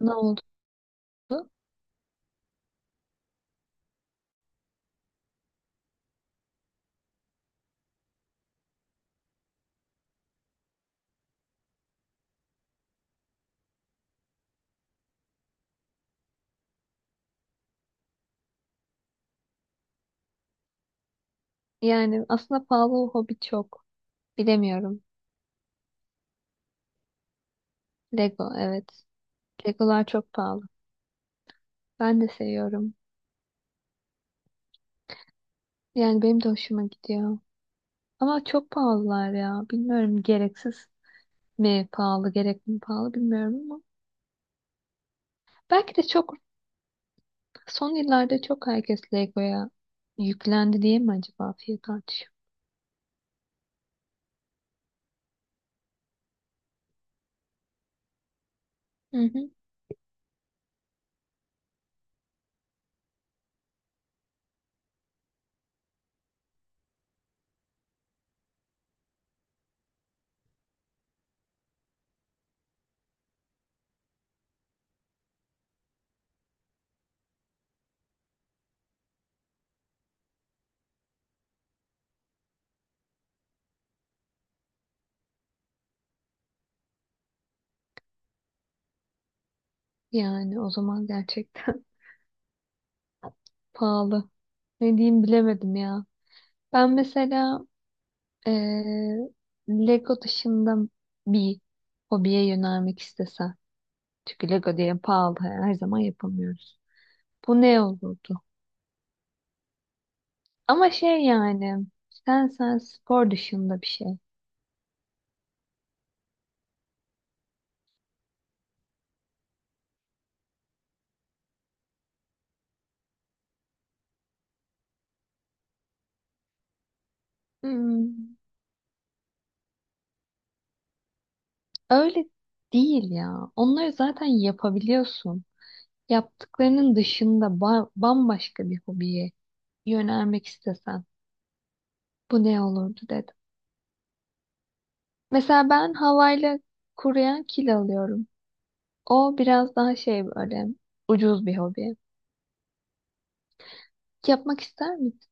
Ne oldu? Yani aslında pahalı o hobi çok. Bilemiyorum. Lego evet. Legolar çok pahalı. Ben de seviyorum. Yani benim de hoşuma gidiyor. Ama çok pahalılar ya. Bilmiyorum gereksiz mi pahalı, gerekli mi pahalı bilmiyorum ama. Belki de çok son yıllarda çok herkes Lego'ya yüklendi diye mi acaba fiyat artışı? Hı hı. Yani o zaman gerçekten pahalı. Ne diyeyim bilemedim ya. Ben mesela Ee, Lego dışında bir hobiye yönelmek istesen. Çünkü Lego diye pahalı her zaman yapamıyoruz. Bu ne olurdu? Ama şey yani sen spor dışında bir şey. Hmm, öyle değil ya. Onları zaten yapabiliyorsun. Yaptıklarının dışında bambaşka bir hobiye yönelmek istesen bu ne olurdu dedim. Mesela ben havayla kuruyan kil alıyorum. O biraz daha şey böyle ucuz bir hobi. Yapmak ister misin?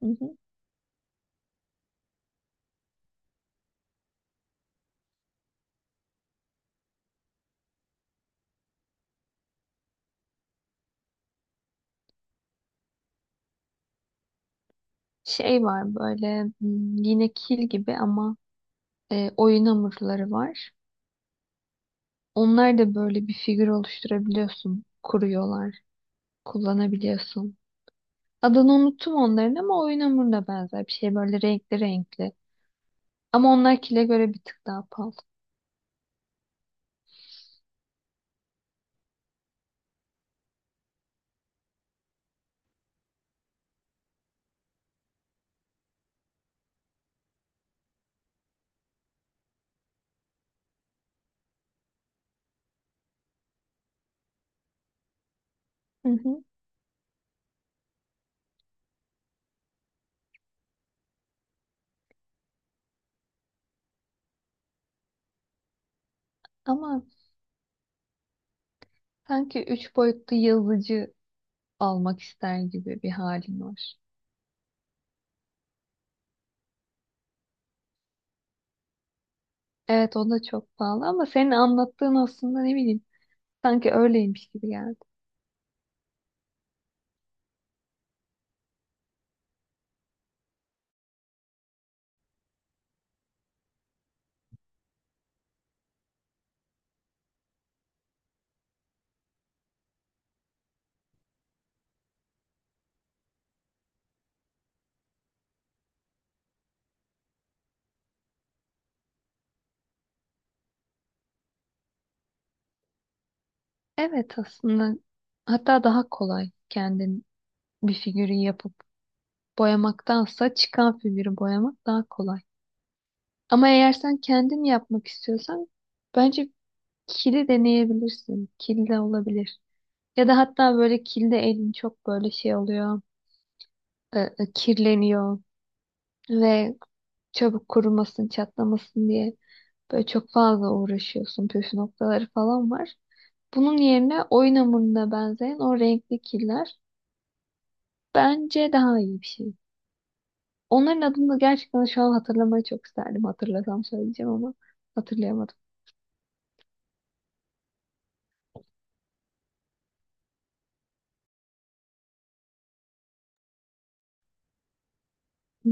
Hı hı. Şey var böyle yine kil gibi ama oyun hamurları var. Onlar da böyle bir figür oluşturabiliyorsun. Kuruyorlar. Kullanabiliyorsun. Adını unuttum onların ama oyun hamuruna benzer bir şey böyle renkli renkli. Ama onlar kile göre bir tık daha pahalı. Hı hı. Ama sanki üç boyutlu yazıcı almak ister gibi bir halin var. Evet o da çok pahalı ama senin anlattığın aslında ne bileyim sanki öyleymiş gibi geldi. Evet aslında hatta daha kolay kendin bir figürü yapıp boyamaktansa çıkan figürü boyamak daha kolay. Ama eğer sen kendin yapmak istiyorsan bence kili deneyebilirsin. Kil de olabilir. Ya da hatta böyle kilde elin çok böyle şey oluyor. Kirleniyor ve çabuk kurumasın, çatlamasın diye böyle çok fazla uğraşıyorsun. Püf noktaları falan var. Bunun yerine oyun hamuruna benzeyen o renkli killer bence daha iyi bir şey. Onların adını gerçekten şu an hatırlamayı çok isterdim. Hatırlasam söyleyeceğim ama hatırlayamadım. Hı.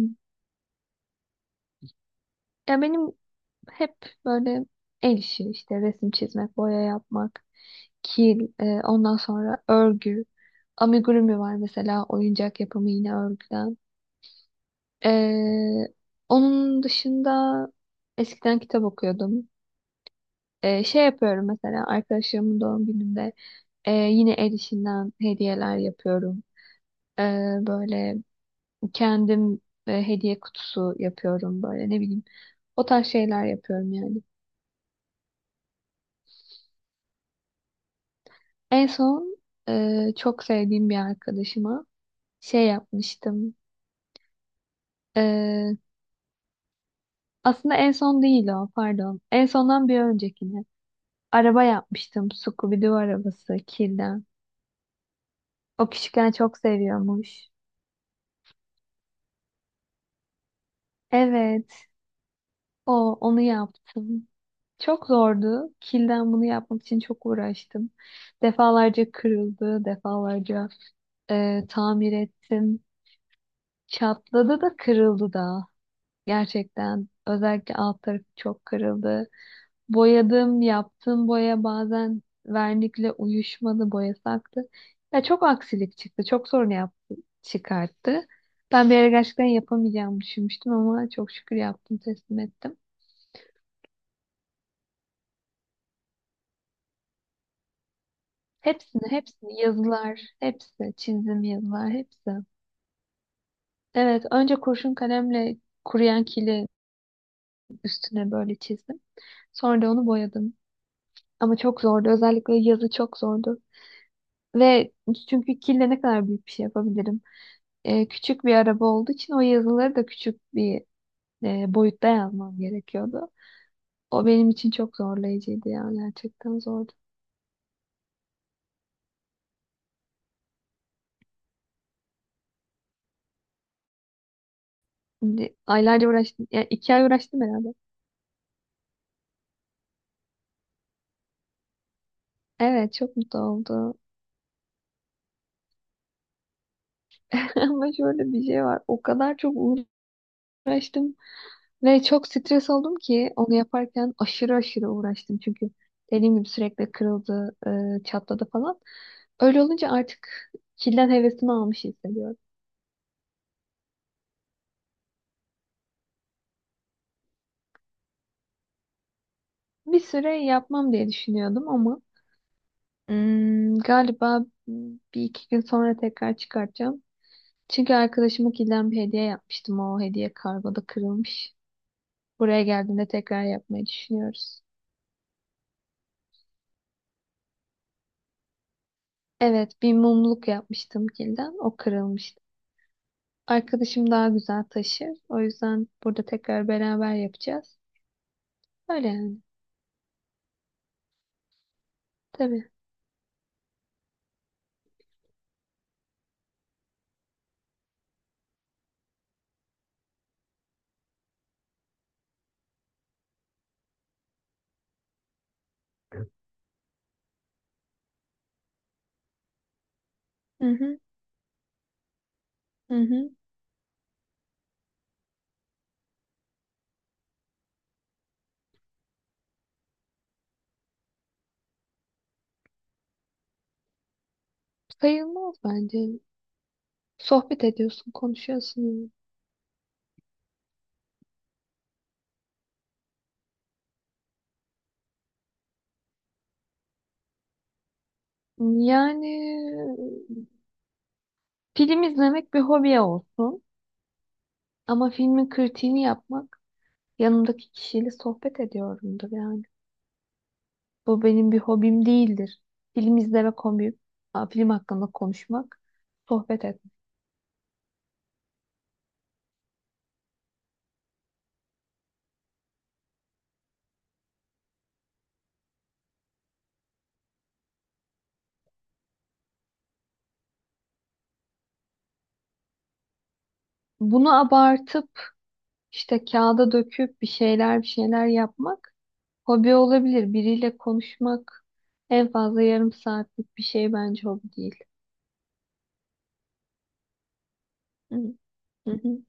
Ya benim hep böyle el işi işte resim çizmek, boya yapmak. Kil, ondan sonra örgü. Amigurumi var mesela oyuncak yapımı yine örgüden. E, onun dışında eskiden kitap okuyordum. Şey yapıyorum mesela arkadaşlarımın doğum gününde yine el işinden hediyeler yapıyorum. E, böyle kendim hediye kutusu yapıyorum böyle ne bileyim. O tarz şeyler yapıyorum yani. En son çok sevdiğim bir arkadaşıma şey yapmıştım. E, Aslında en son değil o, pardon. En sondan bir öncekini. Araba yapmıştım. Scooby-Doo arabası, kirden. O küçükken çok seviyormuş. Evet, o, onu yaptım. Çok zordu. Kilden bunu yapmak için çok uğraştım. Defalarca kırıldı, defalarca tamir ettim. Çatladı da kırıldı da. Gerçekten. Özellikle alt tarafı çok kırıldı. Boyadım, yaptığım boya bazen vernikle uyuşmadı, boyası aktı. Ya çok aksilik çıktı, çok sorun yaptı, çıkarttı. Ben bir ara gerçekten yapamayacağımı düşünmüştüm ama çok şükür yaptım, teslim ettim. Hepsini, hepsini, yazılar, hepsi, çizim yazılar, hepsi. Evet, önce kurşun kalemle kuruyan kili üstüne böyle çizdim. Sonra da onu boyadım. Ama çok zordu, özellikle yazı çok zordu. Ve çünkü kille ne kadar büyük bir şey yapabilirim? Küçük bir araba olduğu için o yazıları da küçük bir boyutta yazmam gerekiyordu. O benim için çok zorlayıcıydı yani gerçekten zordu. Şimdi aylarca uğraştım. Yani iki ay uğraştım herhalde. Evet çok mutlu oldu. Ama şöyle bir şey var. O kadar çok uğraştım ve çok stres oldum ki onu yaparken aşırı aşırı uğraştım. Çünkü dediğim gibi sürekli kırıldı, çatladı falan. Öyle olunca artık kilden hevesimi almış hissediyorum. Bir süre yapmam diye düşünüyordum ama galiba bir iki gün sonra tekrar çıkartacağım. Çünkü arkadaşıma kilden bir hediye yapmıştım. O hediye kargoda kırılmış. Buraya geldiğinde tekrar yapmayı düşünüyoruz. Evet, bir mumluk yapmıştım kilden. O kırılmıştı. Arkadaşım daha güzel taşır. O yüzden burada tekrar beraber yapacağız. Öyle yani. Tabii. Hı hı, hı hı. Sayılmaz bence. Sohbet ediyorsun, konuşuyorsun. Yani film izlemek bir hobiye olsun. Ama filmin kritiğini yapmak yanımdaki kişiyle sohbet ediyorumdur yani. Bu benim bir hobim değildir. Film izlemek hobim, film hakkında konuşmak, sohbet etmek. Bunu abartıp işte kağıda döküp bir şeyler yapmak hobi olabilir. Biriyle konuşmak en fazla yarım saatlik bir şey bence hobi değil. Hı hı. Hı.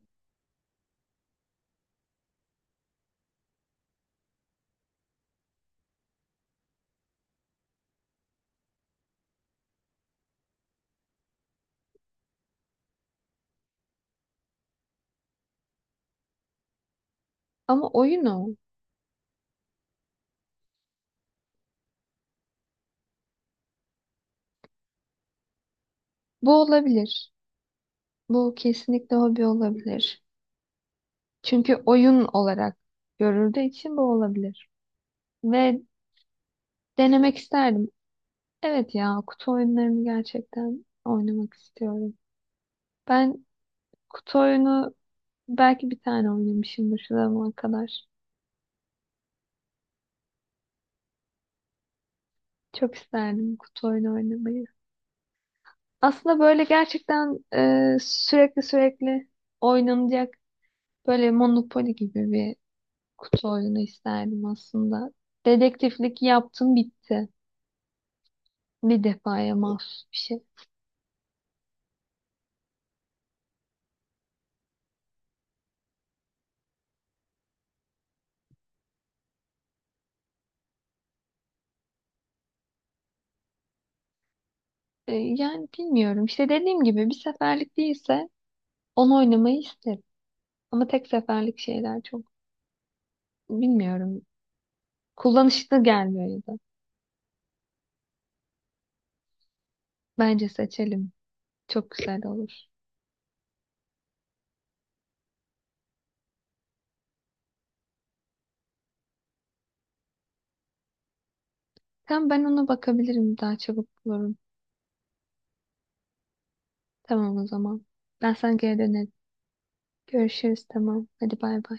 Ama oyun o. Bu olabilir. Bu kesinlikle hobi olabilir. Çünkü oyun olarak görüldüğü için bu olabilir. Ve denemek isterdim. Evet ya kutu oyunlarını gerçekten oynamak istiyorum. Ben kutu oyunu belki bir tane oynamışımdır şu zamana kadar. Çok isterdim kutu oyunu oynamayı. Aslında böyle gerçekten sürekli oynanacak böyle Monopoly gibi bir kutu oyunu isterdim aslında. Dedektiflik yaptım bitti. Bir defaya mahsus bir şey. Yani bilmiyorum. İşte dediğim gibi bir seferlik değilse onu oynamayı isterim. Ama tek seferlik şeyler çok bilmiyorum. Kullanışlı gelmiyor ya da. Bence seçelim. Çok güzel olur. Tamam ben ona bakabilirim. Daha çabuk bulurum. Tamam o zaman. Ben sana geri dönerim. Görüşürüz tamam. Hadi bay bay.